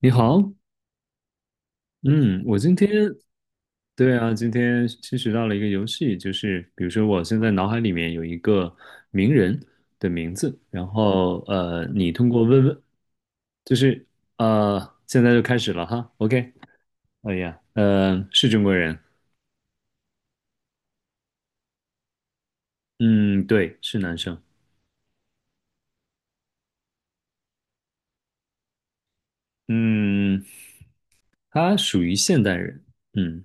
你好。嗯，我今天，对啊，今天新学到了一个游戏，就是比如说我现在脑海里面有一个名人的名字，然后你通过问问，就是现在就开始了哈。OK。哎呀，是中国人。嗯，对，是男生。嗯，他属于现代人。嗯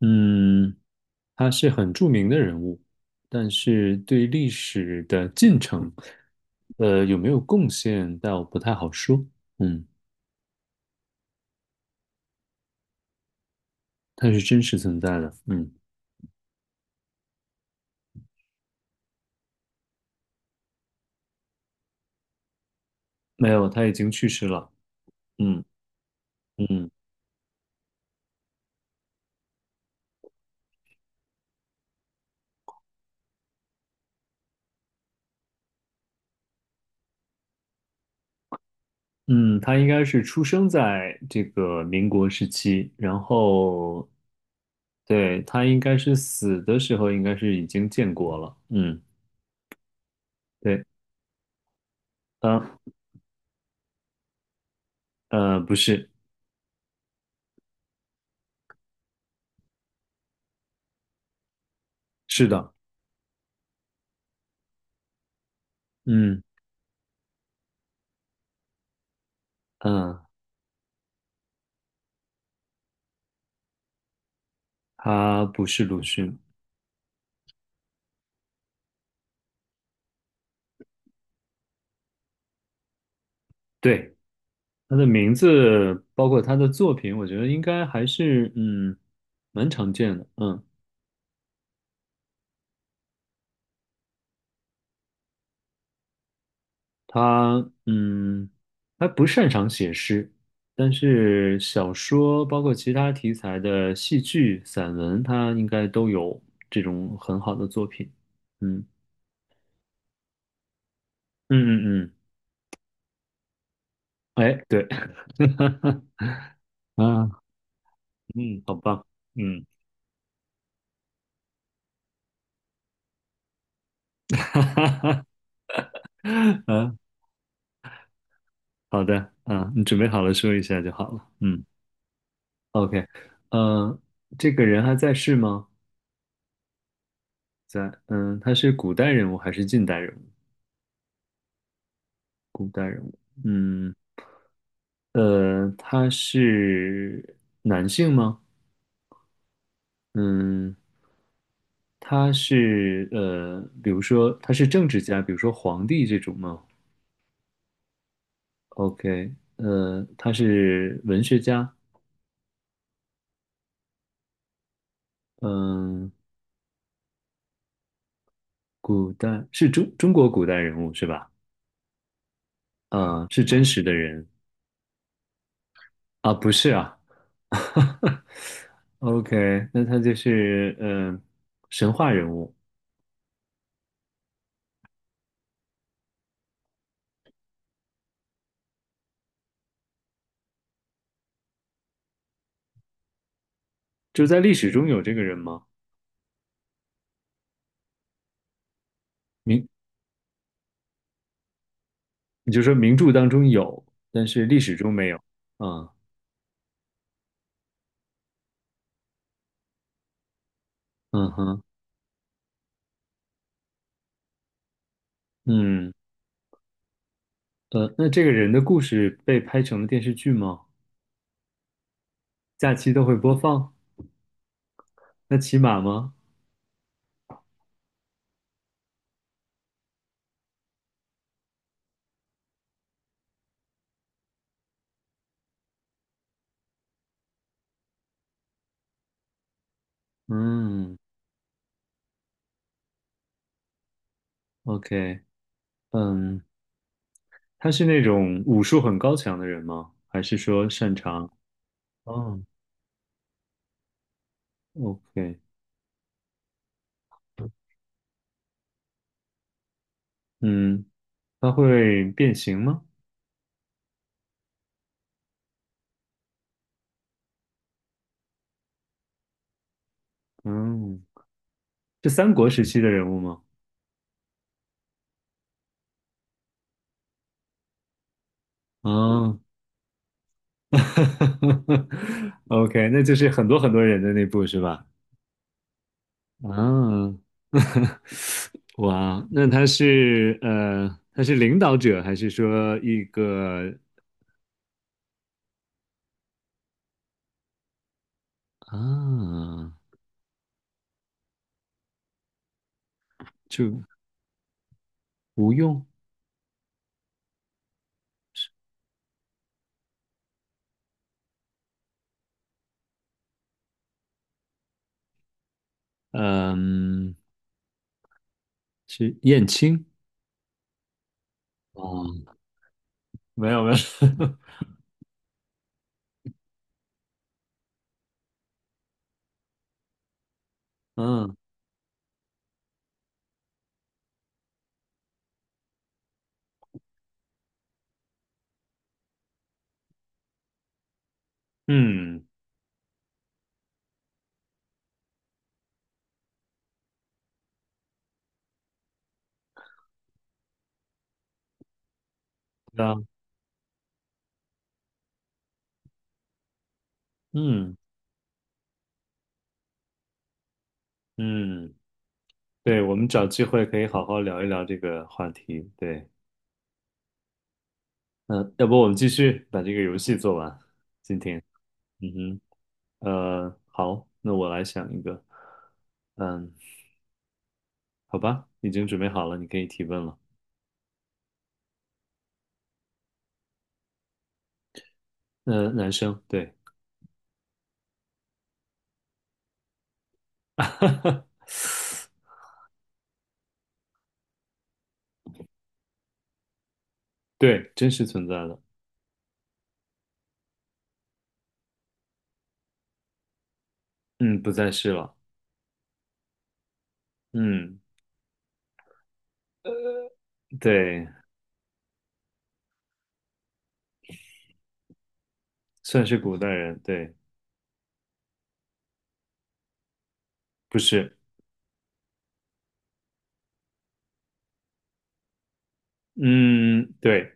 嗯，他是很著名的人物，但是对历史的进程，有没有贡献倒不太好说。嗯，他是真实存在的。嗯，没有，他已经去世了。嗯嗯嗯，他应该是出生在这个民国时期，然后，对，他应该是死的时候应该是已经建国了。嗯，对。啊，不是。是的。嗯嗯，他不是鲁迅。对，他的名字，包括他的作品，我觉得应该还是蛮常见的。嗯，他他不擅长写诗，但是小说包括其他题材的戏剧、散文，他应该都有这种很好的作品。嗯嗯嗯嗯，哎，对。啊，嗯，好棒。嗯，啊，好的。啊，你准备好了说一下就好了。嗯。OK。呃，这个人还在世吗？在，嗯，他是古代人物还是近代人物？古代人物。嗯，他是男性吗？嗯，他是比如说他是政治家，比如说皇帝这种吗？OK。他是文学家。嗯，古代是中国古代人物是吧？嗯，是真实的人啊，不是啊。OK。那他就是神话人物，就在历史中有这个人吗？名，你就说名著当中有，但是历史中没有。啊。嗯哼。嗯，那这个人的故事被拍成了电视剧吗？假期都会播放？那骑马吗？嗯。OK。嗯，他是那种武术很高强的人吗？还是说擅长？哦。OK。嗯，他会变形吗？嗯是三国时期的人物吗？嗯。啊。 ，OK。那就是很多很多人的那部是吧？啊。哇，那他是他是领导者还是说一个啊，就吴用？嗯，是燕青？哦，没有没有。嗯嗯。对啊。嗯嗯。对，我们找机会可以好好聊一聊这个话题，对。嗯，要不我们继续把这个游戏做完。今天，嗯哼。好，那我来想一个。嗯，好吧，已经准备好了，你可以提问了。男生，对。对，真实存在的。嗯，不再是了。嗯，对，算是古代人，对。不是。嗯。对。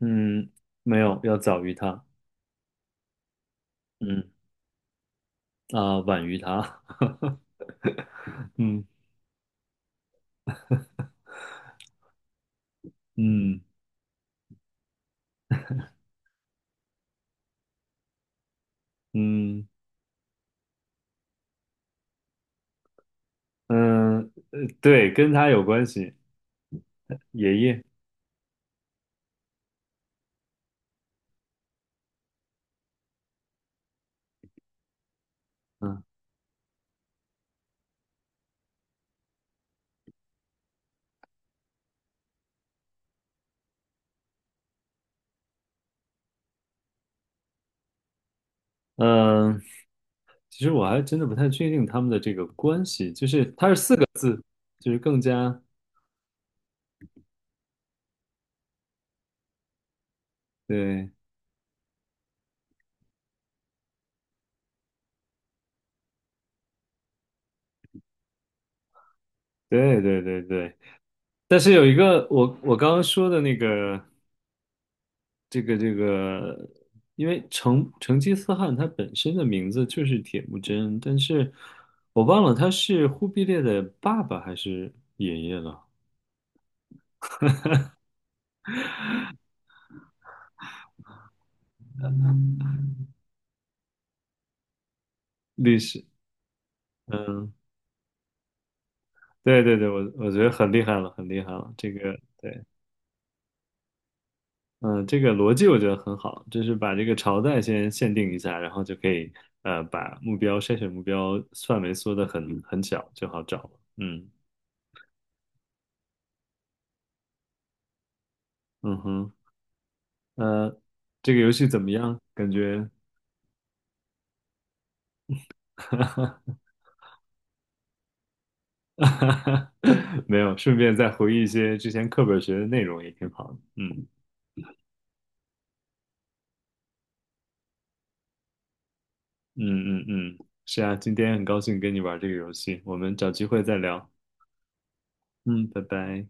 嗯，没有，要早于他。嗯。啊、晚于他。嗯嗯嗯嗯，对，跟他有关系，爷爷。嗯。嗯，其实我还真的不太确定他们的这个关系，就是它是四个字，就是更加，对，对对对对。但是有一个我刚刚说的那个这个，因为成吉思汗他本身的名字就是铁木真，但是我忘了他是忽必烈的爸爸还是爷爷了，历史。嗯，对对对，我觉得很厉害了，很厉害了，这个。对。嗯，这个逻辑我觉得很好，就是把这个朝代先限定一下，然后就可以把目标筛选目标范围缩得很小，就好找了。嗯嗯哼。呃，这个游戏怎么样？感觉 没有，顺便再回忆一些之前课本学的内容也挺好的。嗯嗯嗯嗯，是啊，今天很高兴跟你玩这个游戏，我们找机会再聊。嗯，拜拜。